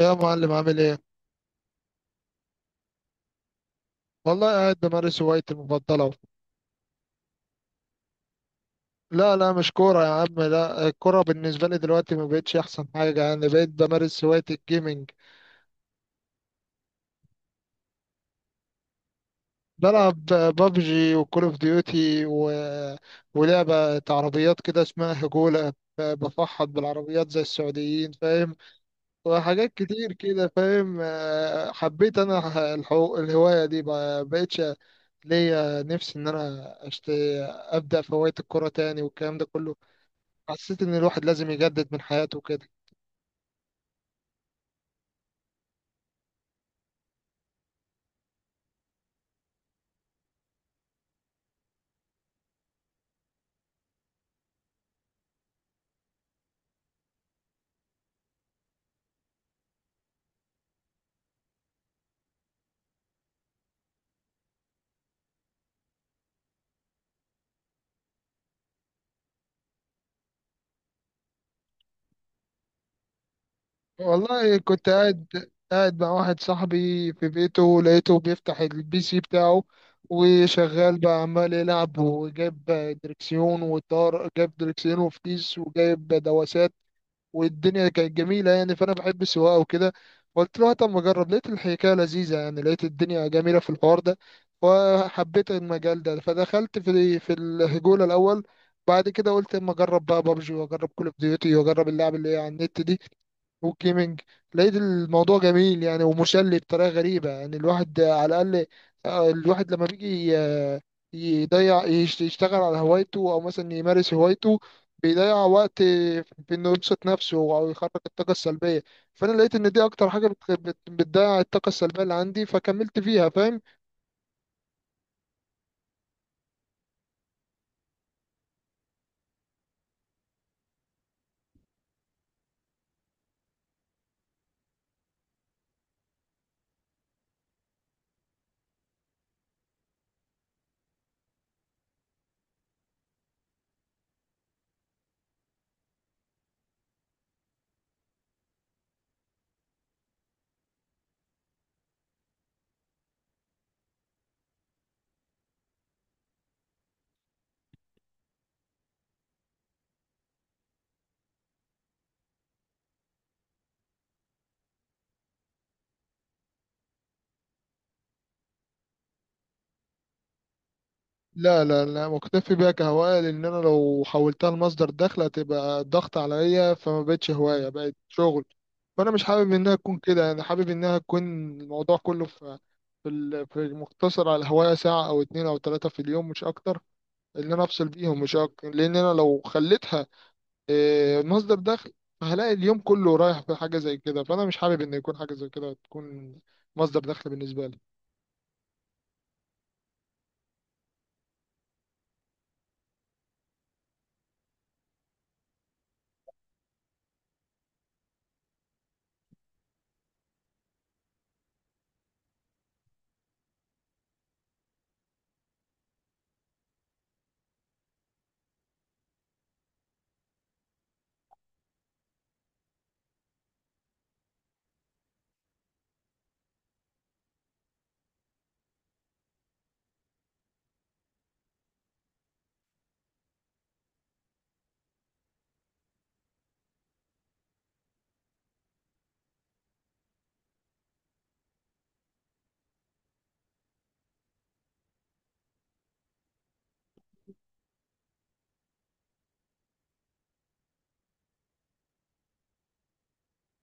يا معلم عامل ايه؟ والله قاعد بمارس هوايتي المفضلة أهو. لا مش كورة يا عم، لا الكورة بالنسبة لي دلوقتي ما بقتش أحسن حاجة، يعني بقيت بمارس هواية الجيمنج. بلعب بابجي وكول اوف ديوتي ولعبة عربيات كده اسمها هجولة. بفحط بالعربيات زي السعوديين فاهم. وحاجات كتير كده فاهم، حبيت انا الهواية دي ما بقتش ليا نفسي ان انا ابدأ في هواية الكورة تاني والكلام ده كله. حسيت ان الواحد لازم يجدد من حياته كده. والله كنت قاعد مع واحد صاحبي في بيته، لقيته بيفتح البي سي بتاعه وشغال بقى عمال يلعب وجايب دركسيون وطار جايب دركسيون وفتيس وجايب دواسات، والدنيا كانت جميلة يعني، فأنا بحب السواقة وكده. قلت له طب ما أجرب، لقيت الحكاية لذيذة يعني، لقيت الدنيا جميلة في الحوار ده وحبيت المجال ده، فدخلت في الهجولة الأول. بعد كده قلت اما اجرب بقى بابجي واجرب كول اوف ديوتي واجرب اللعب اللي هي على النت دي والجيمنج. لقيت الموضوع جميل يعني ومسلي بطريقة غريبة، يعني الواحد على الأقل الواحد لما بيجي يضيع يشتغل على هوايته أو مثلا يمارس هوايته، بيضيع وقت في إنه يبسط نفسه أو يخرج الطاقة السلبية. فأنا لقيت إن دي أكتر حاجة بتضيع الطاقة السلبية اللي عندي، فكملت فيها فاهم. لا، مكتفي بيها كهواية، لأن أنا لو حولتها لمصدر دخل هتبقى ضغط عليا، فما بقتش هواية بقت شغل. فأنا مش حابب إنها تكون كده، أنا حابب إنها تكون الموضوع كله في في مقتصر على الهواية، ساعة أو اتنين أو تلاتة في اليوم مش أكتر، إن أنا أفصل بيهم مش أكتر، لأن أنا لو خليتها مصدر دخل هلاقي اليوم كله رايح في حاجة زي كده، فأنا مش حابب إن يكون حاجة زي كده تكون مصدر دخل بالنسبة لي.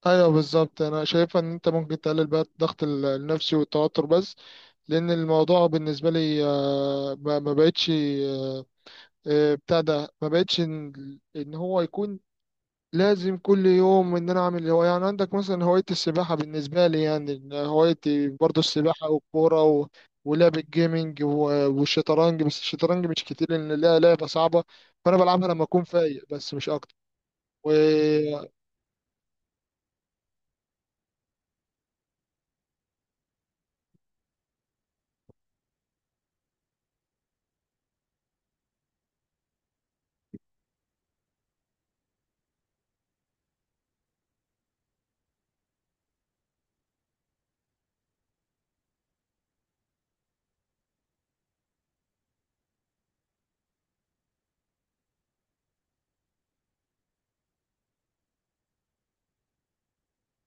ايوه بالظبط، انا شايفه ان انت ممكن تقلل بقى الضغط النفسي والتوتر بس. لان الموضوع بالنسبه لي ما بقتش بتاع ده، ما بقتش ان إن هو يكون لازم كل يوم ان انا اعمل هو. يعني عندك مثلا هوايه السباحه، بالنسبه لي يعني إن هوايتي برضو السباحه والكوره ولعب الجيمنج والشطرنج، بس الشطرنج مش كتير لان لها لعبه صعبه، فانا بلعبها لما اكون فايق بس مش اكتر.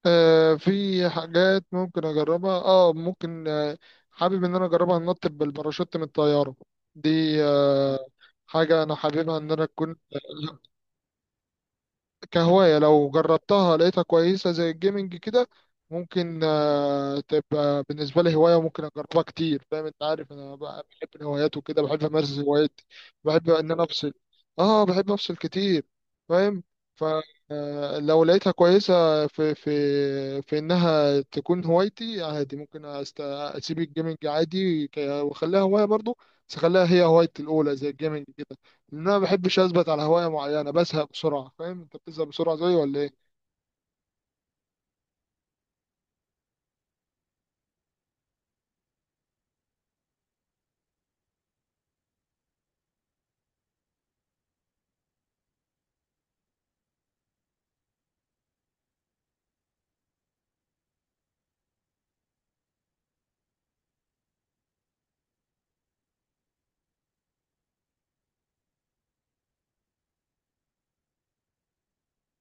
في حاجات ممكن اجربها، اه ممكن، آه حابب ان انا اجربها، انط بالباراشوت من الطياره دي. آه حاجه انا حاببها ان انا اكون كهواية، لو جربتها لقيتها كويسة زي الجيمنج كده، ممكن تبقى بالنسبة لي هواية ممكن أجربها كتير. فاهم أنت، عارف أنا بقى بحب الهوايات وكده، بحب أمارس هواياتي، بحب إن أنا أفصل. أه بحب أفصل كتير فاهم. فلو لقيتها كويسة في إنها تكون هوايتي عادي، ممكن أسيب الجيمنج عادي وأخليها هواية برضو، بس أخليها هي هوايتي الأولى زي الجيمنج كده. ان انا ما بحبش اثبت على هوايه معينه، بزهق بسرعه فاهم. انت بتزهق بسرعه زيي ولا ايه؟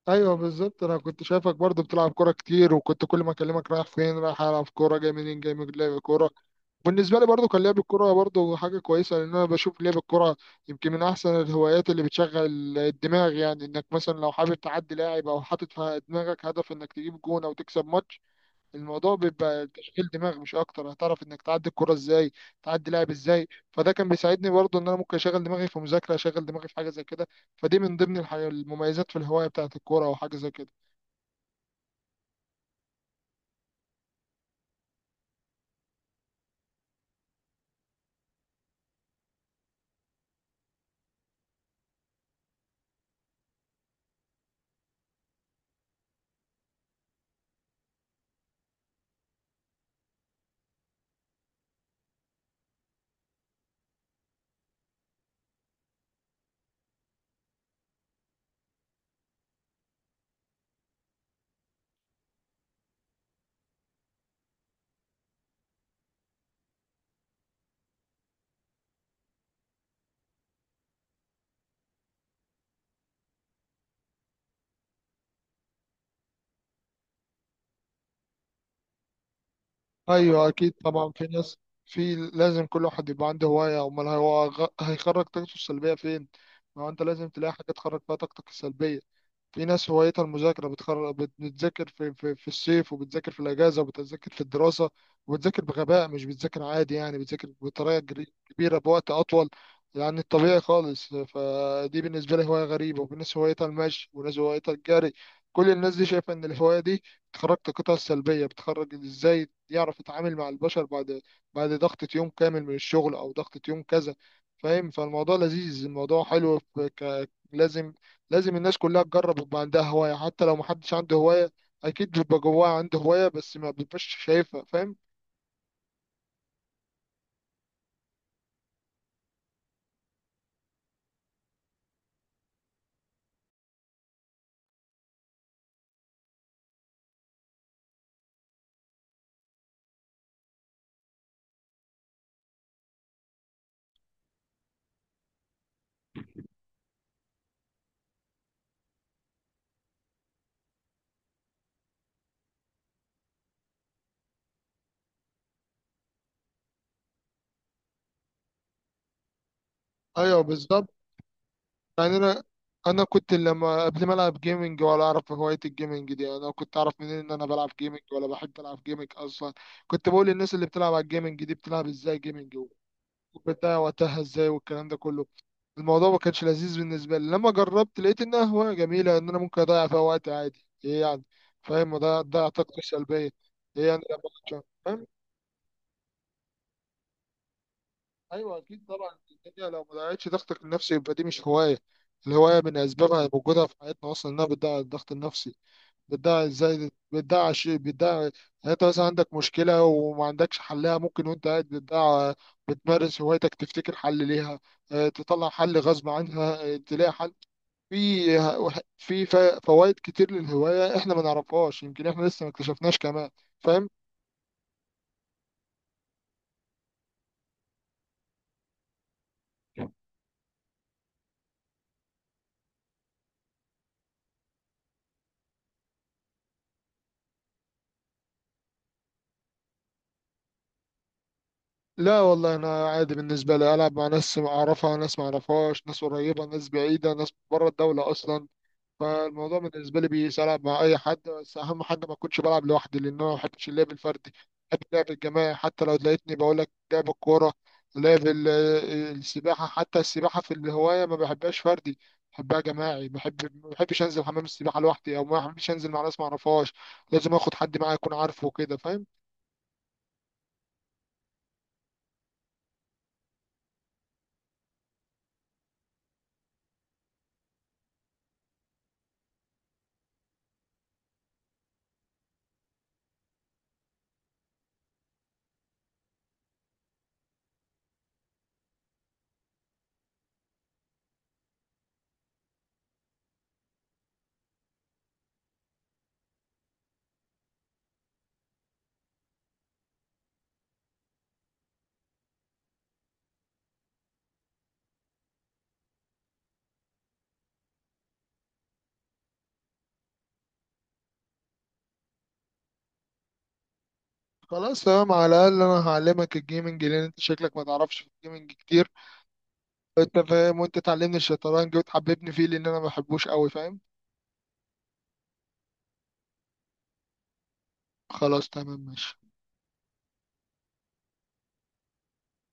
ايوه بالظبط، انا كنت شايفك برضو بتلعب كوره كتير، وكنت كل ما اكلمك رايح فين رايح العب كوره، جاي منين جاي من لعب كوره. بالنسبه لي برضو كان لعب الكوره برضو حاجه كويسه، لان انا بشوف لعب الكوره يمكن من احسن الهوايات اللي بتشغل الدماغ. يعني انك مثلا لو حابب تعدي لاعب، او حاطط في دماغك هدف انك تجيب جون او تكسب ماتش، الموضوع بيبقى تشغيل دماغ مش اكتر، هتعرف انك تعدي الكرة ازاي، تعدي لاعب ازاي. فده كان بيساعدني برضه ان انا ممكن اشغل دماغي في مذاكرة، اشغل دماغي في حاجة زي كده. فدي من ضمن المميزات في الهواية بتاعت الكورة او حاجة زي كده. ايوه اكيد طبعا في ناس، في، لازم كل واحد يبقى عنده هواية، امال هو هيخرج طاقته السلبية فين؟ ما هو انت لازم تلاقي حاجة تخرج فيها طاقتك السلبية. في ناس هوايتها المذاكرة، بتذاكر في الصيف، وبتذاكر في الأجازة، وبتذاكر في الدراسة، وبتذاكر بغباء، مش بتذاكر عادي يعني، بتذاكر بطريقة كبيرة بوقت أطول يعني الطبيعي خالص. فدي بالنسبة لي هواية غريبة. وفي ناس هوايتها المشي، وناس هوايتها الجري، كل الناس دي شايفة إن الهواية دي بتخرج طاقتها السلبية. بتخرج إزاي يعرف يتعامل مع البشر بعد بعد ضغطة يوم كامل من الشغل أو ضغطة يوم كذا فاهم. فالموضوع لذيذ الموضوع حلو. لازم، لازم الناس كلها تجرب يبقى عندها هواية. حتى لو محدش عنده هواية، أكيد بيبقى جواها عنده هواية بس ما بيبقاش شايفها فاهم. أيوه بالظبط. يعني أنا كنت لما قبل ما ألعب جيمنج ولا أعرف هواية الجيمنج دي، يعني أنا كنت أعرف منين إن أنا بلعب جيمنج ولا بحب ألعب جيمنج أصلا؟ كنت بقول للنس اللي بتلعب على الجيمنج دي بتلعب إزاي جيمنج وبتاع وقتها إزاي والكلام ده كله. الموضوع ما كانش لذيذ بالنسبة لي، لما جربت لقيت إنها هواية جميلة، إن أنا ممكن أضيع فيها وقت عادي إيه يعني فاهم. وده ده طاقتي السلبية إيه يعني لما فاهم. أيوه أكيد طبعا، الدنيا لو ما ضيعتش ضغطك النفسي يبقى دي مش هواية. الهواية من أسبابها وجودها في حياتنا أصلا إنها بتضيع الضغط النفسي. بتضيع إزاي؟ بتضيع شيء، بتضيع يعني أنت مثلا عندك مشكلة وما عندكش حلها، ممكن وأنت قاعد بتضيع بتمارس هوايتك تفتكر حل ليها، تطلع حل غصب عنها، تلاقي حل. في فوائد كتير للهواية احنا ما نعرفهاش، يمكن احنا لسه ما اكتشفناش كمان فاهم. لا والله انا عادي، بالنسبة لي العب مع ناس اعرفها، ناس ما اعرفهاش، ناس قريبة، ناس بعيدة، ناس بره الدولة اصلا. فالموضوع بالنسبة لي بيساعد مع أي حد، بس أهم حاجة ما أكونش بلعب لوحدي، لأن أنا ما بحبش اللعب الفردي. بحب اللعب الجماعي، حتى لو تلاقيتني بقول لك لعب الكورة، لعب ال- السباحة، حتى السباحة في الهواية ما بحبهاش فردي، بحبها جماعي. بحب، ما بحبش أنزل حمام السباحة لوحدي، أو ما بحبش أنزل مع ناس ما أعرفهاش، لازم آخد حد معايا يكون عارفه وكده فاهم. خلاص تمام، على الأقل أنا هعلمك الجيمنج لأن أنت شكلك ما تعرفش في الجيمنج كتير. أنت فاهم، وأنت تعلمني الشطرنج وتحببني فيه لأن أنا ما بحبوش أوي فاهم. خلاص تمام ماشي.